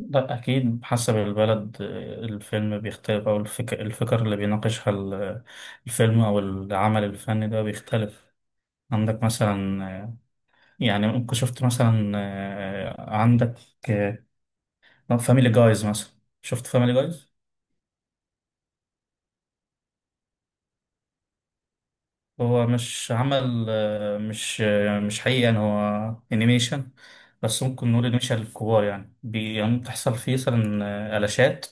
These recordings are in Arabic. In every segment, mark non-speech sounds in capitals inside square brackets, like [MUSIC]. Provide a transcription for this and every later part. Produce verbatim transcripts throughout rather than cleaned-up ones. لا أكيد حسب البلد آه، الفيلم بيختلف أو الفكر, الفكر اللي بيناقشها ال- الفيلم أو العمل الفني ده بيختلف. عندك مثلا آه، يعني ممكن شفت مثلا آه، عندك فاميلي جايز مثلا، شفت فاميلي جايز. هو مش عمل آه، مش آه، مش حقيقي، يعني هو انيميشن. بس ممكن نقول انيميشن للكبار، يعني بي- يعني بتحصل فيه مثلا آه، قلاشات.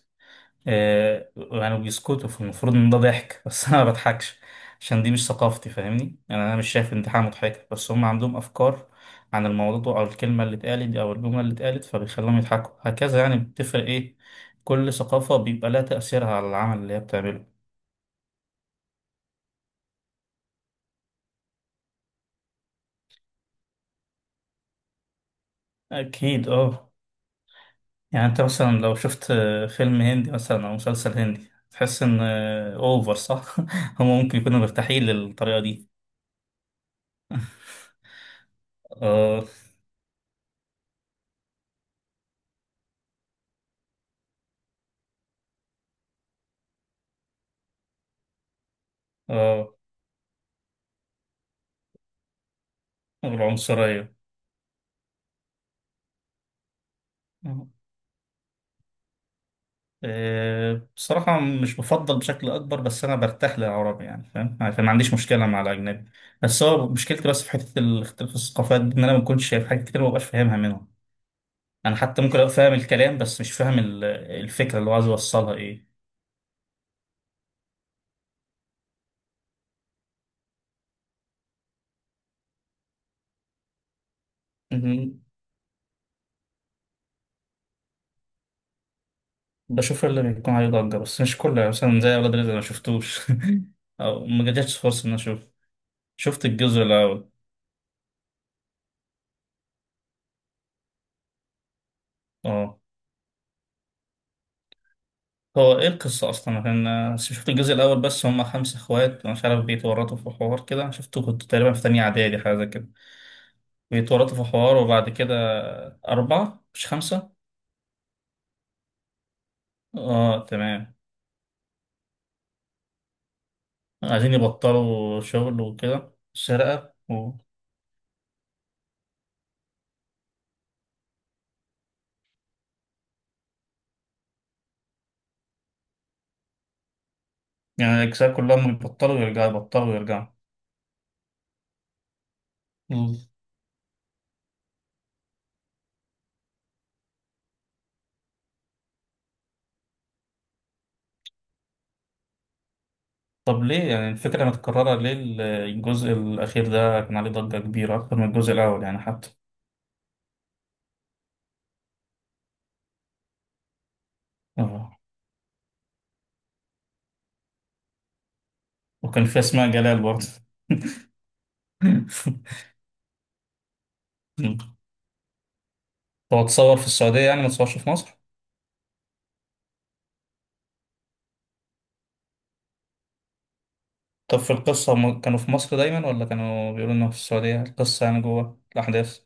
آه، يعني بيسكتوا فالمفروض ان ده ضحك [LAUGHS] بس انا ما بضحكش عشان دي مش ثقافتي، فاهمني. يعني انا مش شايف ان دي حاجه مضحكه، بس هم عندهم افكار عن الموضوع او الكلمه اللي اتقالت او الجمله اللي اتقالت فبيخليهم يضحكوا هكذا. يعني بتفرق ايه، كل ثقافه بيبقى لها تاثيرها على العمل اللي هي بتعمله. اكيد اه. يعني انت مثلا لو شفت آه، فيلم هندي مثلا او مسلسل هندي تحس ان اوفر، صح؟ [LAUGHS] هم ممكن يكونوا مرتاحين للطريقه دي. اه، اه. العنصريه. آه، بصراحة مش بفضل بشكل أكبر، بس أنا برتاح للعربي، يعني فاهم، يعني ما عنديش مشكلة مع الأجنبي. بس هو مشكلتي بس في حتة الاختلاف في الثقافات دي، إن أنا ما بكونش شايف حاجات كتير، ما ببقاش فاهمها منهم. أنا حتى ممكن أبقى فاهم الكلام بس مش فاهم ال- الفكرة اللي هو عايز يوصلها إيه. مهم. بشوف اللي بيكون عليه ضجة بس مش كله، يعني مثلا زي أولاد رزق، أنا ما شفتوش [LAUGHS] أو ما جاتش فرصة إن أنا أشوف. شفت الجزء الأول. أه. هو ايه القصة اصلا؟ عشان بس شفت الجزء الاول. بس هم خمسة اخوات، مش عارف، بيتورطوا في حوار كده، شفته كنت تقريبا في تانية اعدادي، حاجة زي كده. بيتورطوا في حوار، وبعد كده. اربعة مش خمسة. اه تمام. عايزين يبطلوا شغل وكده، سرقة و... يعني الاجزاء كلهم يبطلوا ويرجعوا، يبطلوا ويرجعوا. مم. طب ليه يعني الفكرة متكررة؟ ليه ال- الجزء الأخير ده كان عليه ضجة كبيرة أكتر من الجزء الأول يعني حتى؟ اه. وكان في أسماء جلال برضه. [LAUGHS] هو اتصور في السعودية، يعني ما اتصورش في مصر؟ طب في القصة هم كانوا في مصر دايما ولا كانوا بيقولوا انهم في السعودية؟ القصة يعني جوه الأحداث.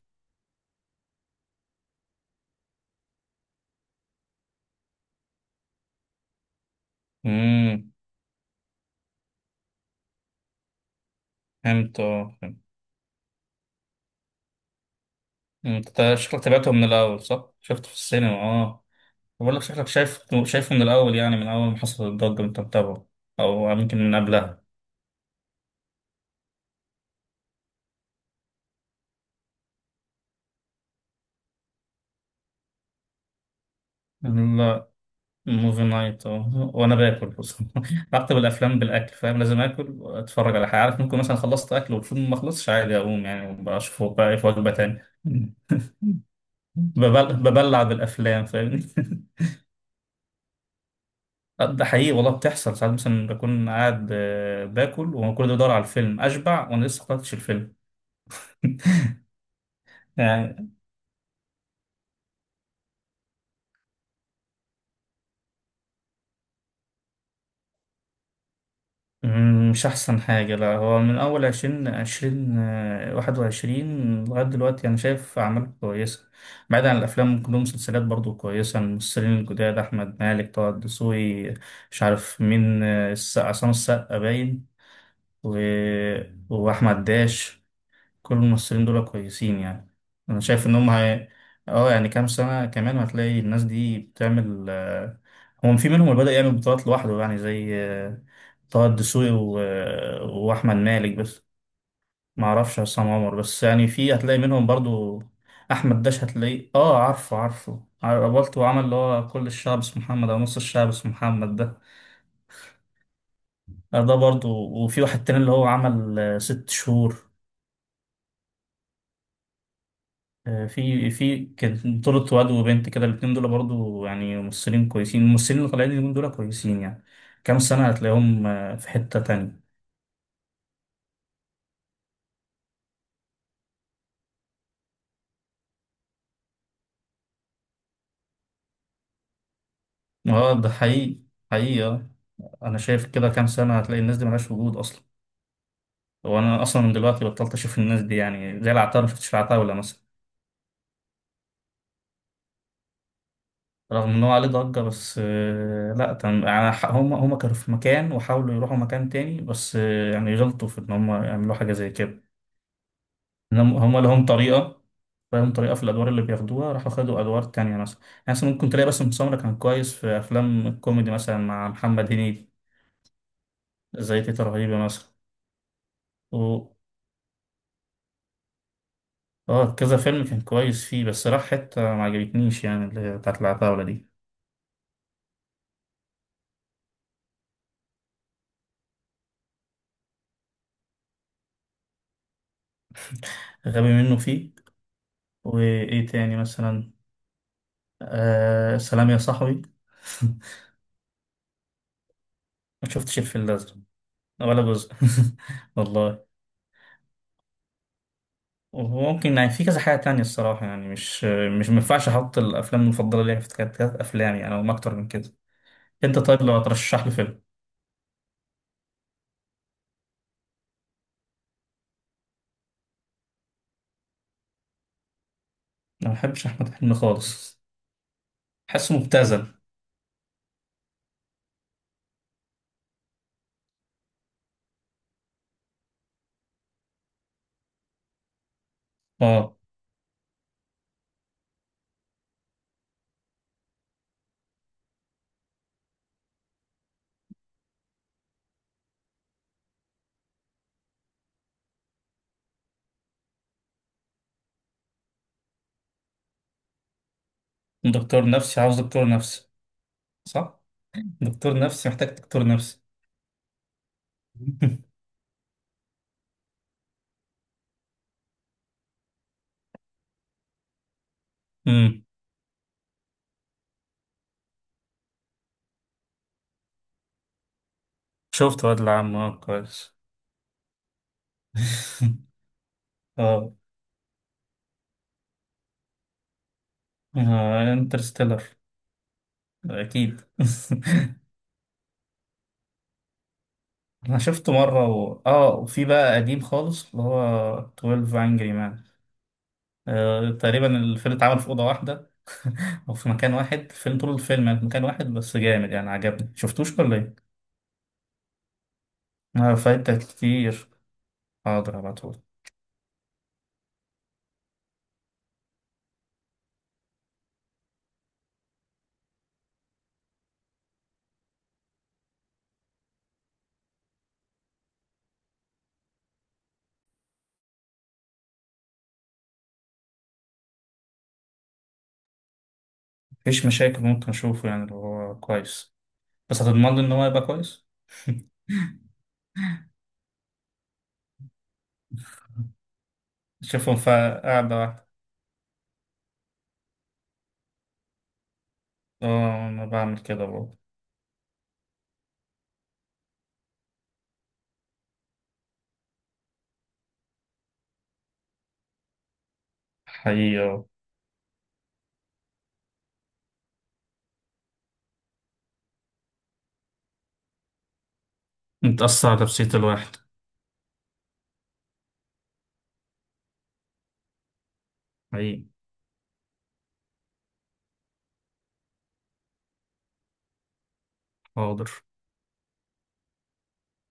امم. فهمت، اه فهمت. مم، انت تا- شكلك تابعته من الأول، صح؟ شفته في السينما، اه. بقول لك شكلك شايف شايفه من الأول، يعني من أول ما حصل الضجة انت متابعه، أو يمكن من قبلها. لا، موفي نايت، اه، وأنا باكل. بص [LAUGHS] بكتب الأفلام بالأكل فاهم، لازم آكل وأتفرج على حاجة، عارف، ممكن مثلا خلصت أكل والفيلم ما خلصش عادي أقوم يعني، وبشوفه بقى إيه في وجبة تانية. ببل... ببلع بالافلام، فاهمني [LAUGHS] ده حقيقي والله، بتحصل ساعات مثلا بكون قاعد آه، باكل وانا ده بدور على الفيلم، اشبع وانا لسه ما خلصتش الفيلم [LAUGHS] يعني مم، مش احسن حاجه. لا، هو من اول عشرين عشرين آه، واحد وعشرين لغايه دلوقتي انا شايف اعمال كويسه. بعيد عن الافلام، ممكن لهم مسلسلات برضو كويسه. الممثلين الجداد، احمد مالك، طه الدسوقي، مش عارف مين، آه، الس- عصام السقا باين و... واحمد داش. كل الممثلين دول كويسين يعني. انا شايف ان هم هي... اه، يعني كام سنة كمان هتلاقي الناس دي بتعمل آه، هو في منهم اللي بدأ يعمل بطولات لوحده، يعني زي آه، طه الدسوقي و... آه، واحمد مالك بس. ما اعرفش عصام عمر، بس يعني في هتلاقي منهم برضو. احمد داش هتلاقيه، اه عارفه عارفه، قابلته وعمل اللي هو كل الشعب اسمه محمد، او نص الشعب اسمه محمد ده. آه، ده برضو. وفي واحد تاني اللي هو عمل آه، ست شهور. آه، في في كان بطولة واد وبنت كده، الاتنين دول برضو يعني ممثلين كويسين. الممثلين اللي طالعين اليومين دول كويسين يعني. كام سنة هتلاقيهم آه، في حتة تانية. اه ده حقيقي. حقيقي آه. أنا شايف كده كام سنة هتلاقي الناس دي ملهاش وجود أصلا. وأنا أصلا من دلوقتي بطلت أشوف الناس دي، يعني زي العتاولة، ما شفتش العتاولة مثلا. رغم إن هو عليه ضجة بس آه، لأ، تم- يعني ح- هم هم كانوا في مكان وحاولوا يروحوا مكان تاني، بس آه، يعني غلطوا في إن هم يعملوا حاجة زي كده. إنهم- هم لهم طريقة، بقالهم طريقة في الأدوار اللي بياخدوها، راحوا خدوا أدوار تانية مثلا يعني. مثلا ممكن تلاقي باسم سمرة كان كويس في أفلام الكوميدي مثلا مع محمد هنيدي، زي تيتة رهيبة مثلا. و اه كذا فيلم كان كويس فيه، بس راح حتة ما عجبتنيش، يعني اللي هي بتاعت العتاولة دي. غبي منه فيه. وإيه تاني مثلا؟ آه سلام يا صاحبي [LAUGHS] ما شفتش الفيل الأزرق ولا جزء [LAUGHS] والله. وممكن يعني في كذا حاجة تانية، الصراحة يعني مش مش مينفعش أحط الأفلام المفضلة ليا في كانت أفلام يعني، أو ما أكتر من كده. انت طيب لو هترشح لي فيلم؟ انا ما بحبش احمد حلمي خالص. حاسه مبتذل. اه. دكتور نفسي عاوز دكتور نفسي. صح. دكتور نفسي محتاج دكتور نفسي [LAUGHS] امم. شفت واد العم، اه كويس. [LAUGHS] اه. انترستيلر. اكيد [LAUGHS] انا شفته مره و... اه وفي بقى قديم خالص اللي هو تويلف انجري مان. آه تقريبا الفيلم اتعمل في اوضه واحده [LAUGHS] او في مكان واحد، الفيلم طول الفيلم يعني في مكان واحد، بس جامد يعني، عجبني. شفتوش ولا إيه؟ آه، فايتك كتير. حاضر هبعتهولك. مفيش مشاكل، ممكن أشوفه يعني لو هو كويس. بس هتضمن لي إن هو يبقى كويس؟ أشوفه في قاعدة واحدة. آه أنا بعمل كده برضه. حقيقي آه. متأثر على نفسية الواحد. حقيقي. حاضر.